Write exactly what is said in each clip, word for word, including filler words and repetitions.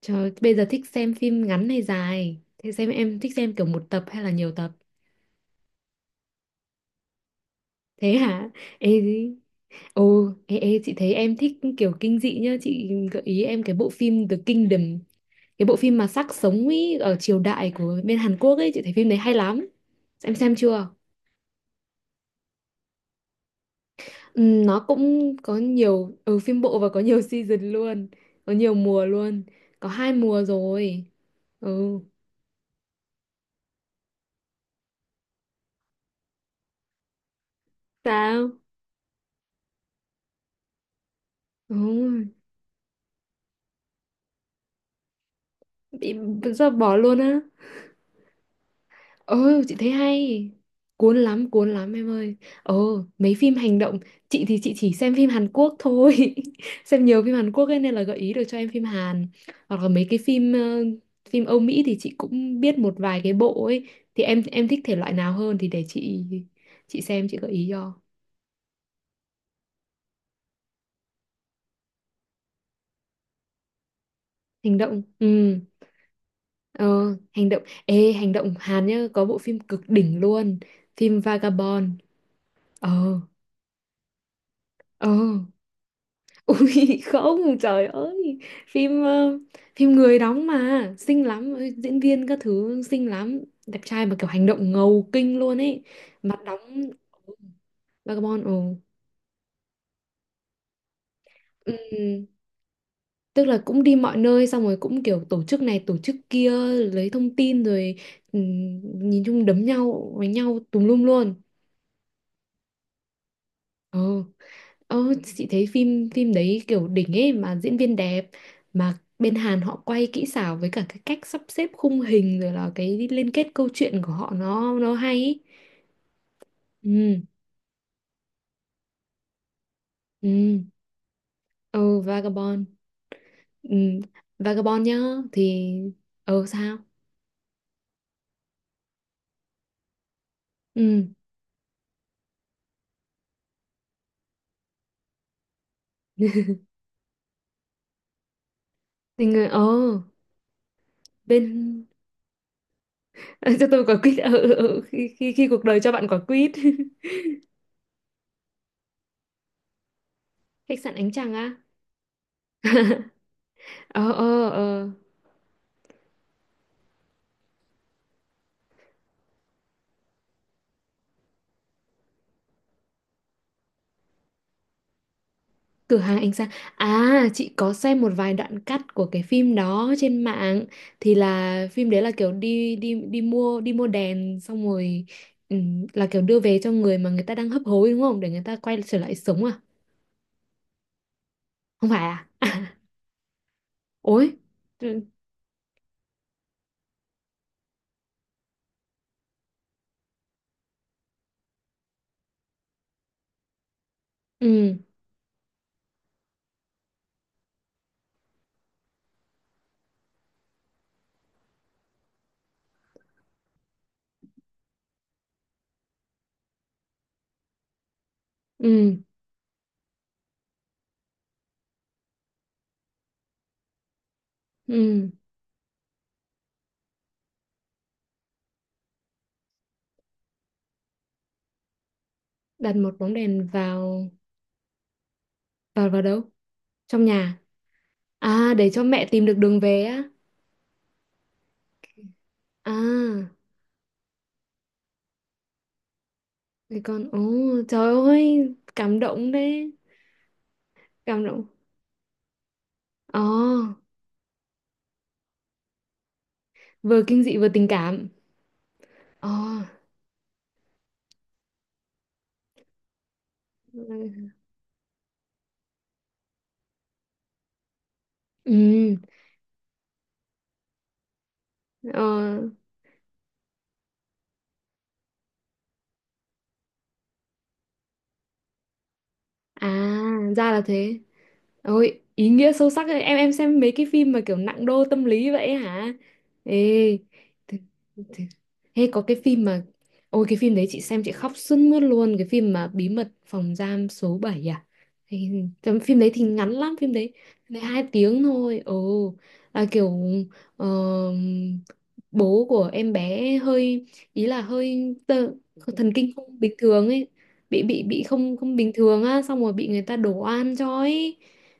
Trời, bây giờ thích xem phim ngắn hay dài? Thế xem em thích xem kiểu một tập hay là nhiều tập? Thế hả? Ê, gì? ồ, ê, ê, chị thấy em thích kiểu kinh dị nhá. Chị gợi ý em cái bộ phim The Kingdom. Cái bộ phim mà xác sống ý, ở triều đại của bên Hàn Quốc ấy. Chị thấy phim đấy hay lắm. Em xem chưa? Ừ, nó cũng có nhiều, ừ, phim bộ và có nhiều season luôn. Có nhiều mùa luôn. Có hai mùa rồi. Ừ, sao? Ừ, bị do bỏ luôn á. Ừ, chị thấy hay. Cuốn lắm, cuốn lắm em ơi. Ồ, mấy phim hành động. Chị thì chị chỉ xem phim Hàn Quốc thôi xem nhiều phim Hàn Quốc ấy nên là gợi ý được cho em phim Hàn. Hoặc là mấy cái phim ờ, phim Âu Mỹ thì chị cũng biết một vài cái bộ ấy. Thì em em thích thể loại nào hơn? Thì để chị chị xem chị gợi ý cho. Hành động, ừ. Ờ, hành động. Ê, hành động Hàn nhá. Có bộ phim cực đỉnh luôn. Phim Vagabond. Ờ. Ờ. Ui không, trời ơi, phim ờ, phim người đóng mà xinh lắm, ôi, diễn viên các thứ xinh lắm, đẹp trai mà kiểu hành động ngầu kinh luôn ấy. Mặt đóng Vagabond, ồ. Ừm, tức là cũng đi mọi nơi xong rồi cũng kiểu tổ chức này tổ chức kia, lấy thông tin rồi, ừm, nhìn chung đấm nhau với nhau tùm lum luôn. Ờ. Ờ, chị thấy phim phim đấy kiểu đỉnh ấy, mà diễn viên đẹp, mà bên Hàn họ quay kỹ xảo với cả cái cách sắp xếp khung hình rồi là cái liên kết câu chuyện của họ nó nó hay ý. Ừ. Ừ. Ờ Vagabond, ừ, Vagabond nhá. Thì ờ sao? Ừ. Thì người ờ bên. Cho tôi quả quýt, ờ, ờ, ờ, khi, khi khi cuộc đời cho bạn quả quýt. Khách sạn ánh trăng á. ờ ờ ờ Cửa hàng ánh sáng. À, chị có xem một vài đoạn cắt của cái phim đó trên mạng, thì là phim đấy là kiểu đi đi đi mua đi mua đèn xong rồi ừm, là kiểu đưa về cho người mà người ta đang hấp hối đúng không? Để người ta quay trở lại sống à? Không phải à? À, ối. Ừ, ừ, ừ. Ừ. Đặt một bóng đèn vào. Vào vào đâu? Trong nhà. À, để cho mẹ tìm được đường về á. À, thì con. Ồ, trời ơi, cảm động đấy. Cảm động. Ồ. Vừa kinh dị vừa tình cảm. Ồ. Ừ. Ờ. À, ra là thế. Ôi, ý nghĩa sâu sắc ấy. Em em xem mấy cái phim mà kiểu nặng đô tâm lý vậy hả? Ê, th- th- hay có cái phim mà, ôi cái phim đấy chị xem chị khóc sướt mướt luôn. Cái phim mà Bí mật phòng giam số bảy à? Hay- trong phim đấy thì ngắn lắm, phim đấy, phim đấy hai tiếng thôi. Ồ, là kiểu ờ, bố của em bé hơi, ý là hơi tơ, thần kinh không bình thường ấy, bị bị bị không không bình thường á, xong rồi bị người ta đổ oan cho ấy,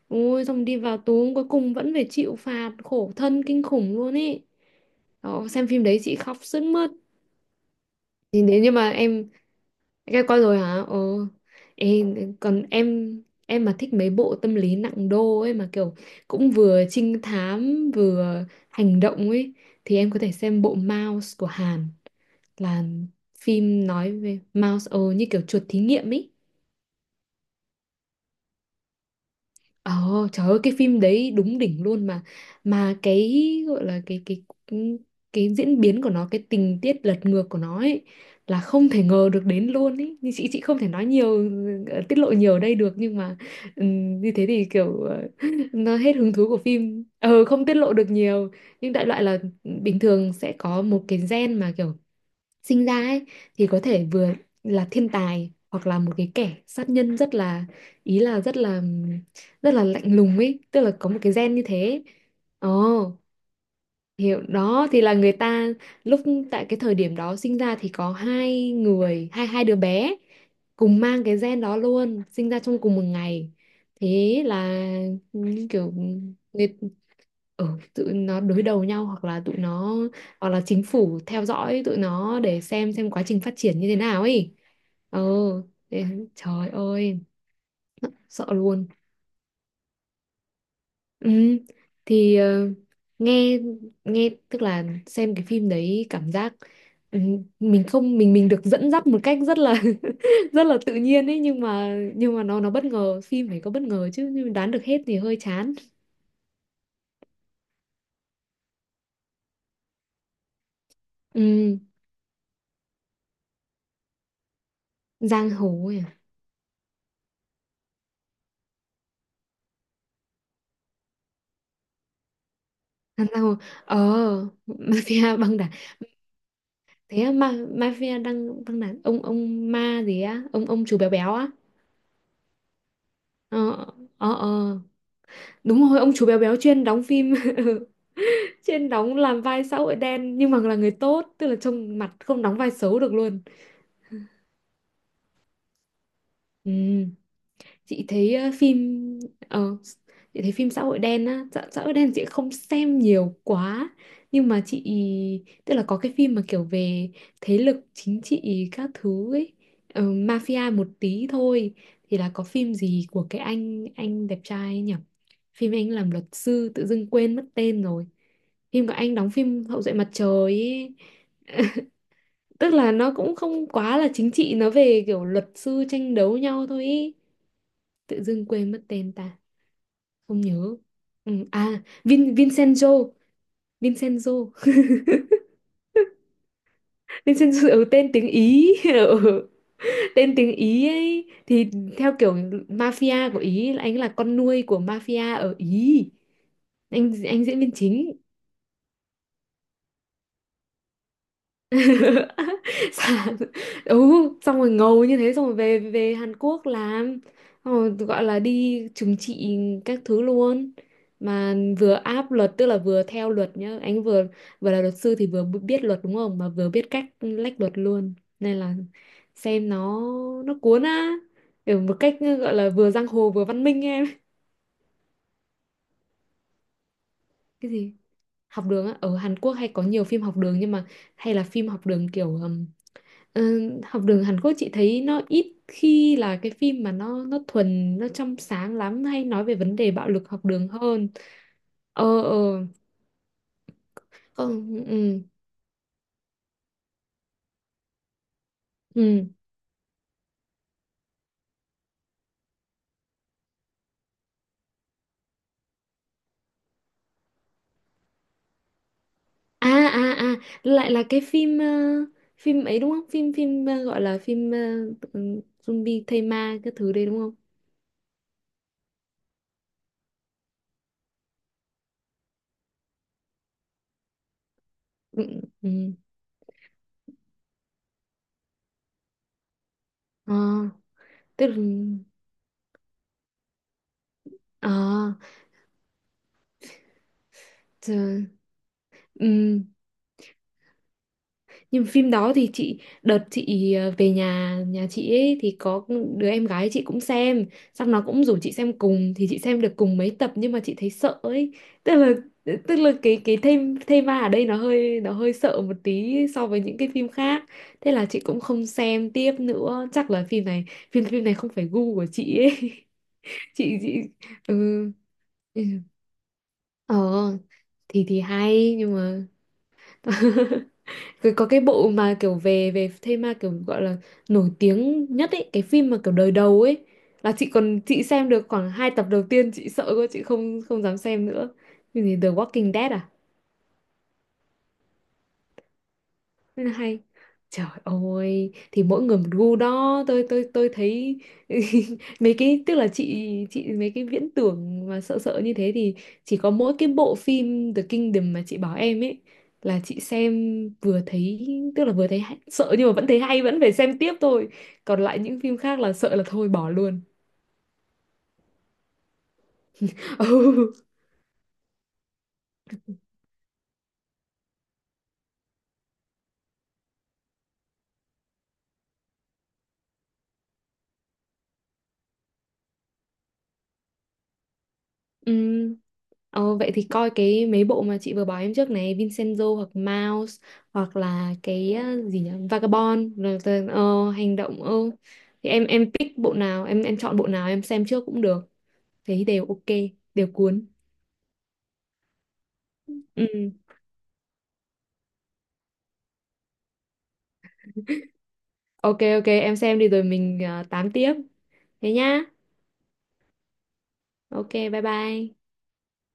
ôi xong đi vào tù cuối cùng vẫn phải chịu phạt, khổ thân kinh khủng luôn ấy. Đó, xem phim đấy chị khóc sướt mướt. Thì nếu như mà em em coi rồi hả? Ờ. Ê, còn em em mà thích mấy bộ tâm lý nặng đô ấy mà kiểu cũng vừa trinh thám vừa hành động ấy, thì em có thể xem bộ Mouse của Hàn, là phim nói về Mouse, ờ như kiểu chuột thí nghiệm ấy. Ờ, trời ơi cái phim đấy đúng đỉnh luôn. mà mà cái gọi là cái cái ừ, cái diễn biến của nó, cái tình tiết lật ngược của nó ấy, là không thể ngờ được đến luôn ấy. Nhưng chị chị không thể nói nhiều, ờ, tiết lộ nhiều ở đây được, nhưng mà ừm, như thế thì kiểu ờ, nó hết hứng thú của phim, ờ không tiết lộ được nhiều. Nhưng đại loại là bình thường sẽ có một cái gen mà kiểu sinh ra ấy, thì có thể vừa là thiên tài hoặc là một cái kẻ sát nhân rất là, ý là rất là, rất là lạnh lùng ấy, tức là có một cái gen như thế. Ồ, hiểu đó, thì là người ta lúc, tại cái thời điểm đó sinh ra thì có hai người, hai hai đứa bé cùng mang cái gen đó luôn, sinh ra trong cùng một ngày. Thế là, ừ, kiểu người, ừ, tụi nó đối đầu nhau, hoặc là tụi nó, hoặc là chính phủ theo dõi tụi nó để xem xem quá trình phát triển như thế nào ấy. Ừ. thế- Trời ơi, sợ luôn. ừ, thì ờ, nghe, nghe tức là xem cái phim đấy cảm giác ừ, mình không, mình mình được dẫn dắt một cách rất là rất là tự nhiên ấy, nhưng mà nhưng mà nó nó bất ngờ, phim phải có bất ngờ chứ, nhưng mà đoán được hết thì hơi chán. Ừ, giang hồ ấy à? À, giang hồ, ờ. Mafia băng đảng. Thế á, ma mafia đang đang là ông ông ma gì á, ông ông chú béo béo á. Ờ, ờ, ờ. Đúng rồi, ông chú béo béo chuyên đóng phim chuyên đóng làm vai xã hội đen nhưng mà là người tốt, tức là trông mặt không đóng vai xấu được luôn. Ừm. Chị thấy ờ, phim ờ, chị thấy phim xã hội đen á, xã, xã hội đen chị không xem nhiều quá, nhưng mà chị, tức là có cái phim mà kiểu về thế lực chính trị các thứ ấy, ờ, mafia một tí thôi, thì là có phim gì của cái anh, anh đẹp trai ấy nhỉ? Phim anh làm luật sư tự dưng quên mất tên rồi. Phim của anh đóng, phim Hậu duệ mặt trời ấy. Tức là nó cũng không quá là chính trị, nó về kiểu luật sư tranh đấu nhau thôi ý. Tự dưng quên mất tên ta, không nhớ. Ừ, à Vin Vincenzo, Vincenzo. Vincenzo, ừ, tên tiếng Ý. Ừ, tên tiếng Ý ấy, thì theo kiểu mafia của Ý, là anh là con nuôi của mafia ở Ý, anh anh diễn viên chính. Sàn. Ừ, xong rồi ngầu như thế xong rồi về về Hàn Quốc làm, xong rồi gọi là đi trừng trị các thứ luôn, mà vừa áp luật, tức là vừa theo luật nhá, anh vừa vừa là luật sư thì vừa biết luật đúng không, mà vừa biết cách lách luật luôn, nên là xem nó nó cuốn á, kiểu một cách gọi là vừa giang hồ vừa văn minh em. Cái gì? Học đường á, ở Hàn Quốc hay có nhiều phim học đường nhưng mà hay là phim học đường kiểu, ờ, học đường Hàn Quốc chị thấy nó ít khi là cái phim mà nó nó thuần, nó trong sáng lắm, hay nói về vấn đề bạo lực học đường hơn. Ờ, ờ. Còn, ừ, ừ. À, à, à, lại là cái phim ờ, phim ấy đúng không, phim phim ờ, gọi là phim ờ, ừ, zombie thây ma cái thứ đấy đúng không? Ừ, ừ. Ờ, tức là ờ, trời, ừ. Nhưng phim đó thì chị đợt chị ờ, về nhà, nhà chị ấy, thì có đứa em gái chị cũng xem, xong nó cũng rủ chị xem cùng, thì chị xem được cùng mấy tập nhưng mà chị thấy sợ ấy. Tức là, tức là cái cái thema, thema ở đây nó hơi, nó hơi sợ một tí so với những cái phim khác. Thế là chị cũng không xem tiếp nữa. Chắc là phim này, phim phim này không phải gu của chị ấy. Chị, chị ừ. Ừ. Ờ, thì thì hay nhưng mà rồi có cái bộ mà kiểu về về thế kiểu gọi là nổi tiếng nhất ấy, cái phim mà kiểu đời đầu ấy, là chị còn chị xem được khoảng hai tập đầu tiên, chị sợ quá, chị không không dám xem nữa. Cái gì, The Walking Dead à? Thế là hay, trời ơi thì mỗi người một gu đó, tôi tôi tôi thấy mấy cái, tức là chị chị mấy cái viễn tưởng mà sợ, sợ như thế thì chỉ có mỗi cái bộ phim The Kingdom mà chị bảo em ấy, là chị xem, vừa thấy, tức là vừa thấy hay- sợ nhưng mà vẫn thấy hay, vẫn phải xem tiếp thôi, còn lại những phim khác là sợ là thôi bỏ luôn. Ừ. Ờ, vậy thì coi cái mấy bộ mà chị vừa bảo em trước này, Vincenzo hoặc Mouse, hoặc là cái ờ, gì nhỉ, Vagabond, rồi tờ- ờ, hành động ờ. Thì em em pick bộ nào, em em chọn bộ nào em xem trước cũng được, thấy đều ok, đều cuốn. Ừ. Ok, ok, em xem đi rồi mình ờ, tám tiếp thế nhá. Ok, bye bye.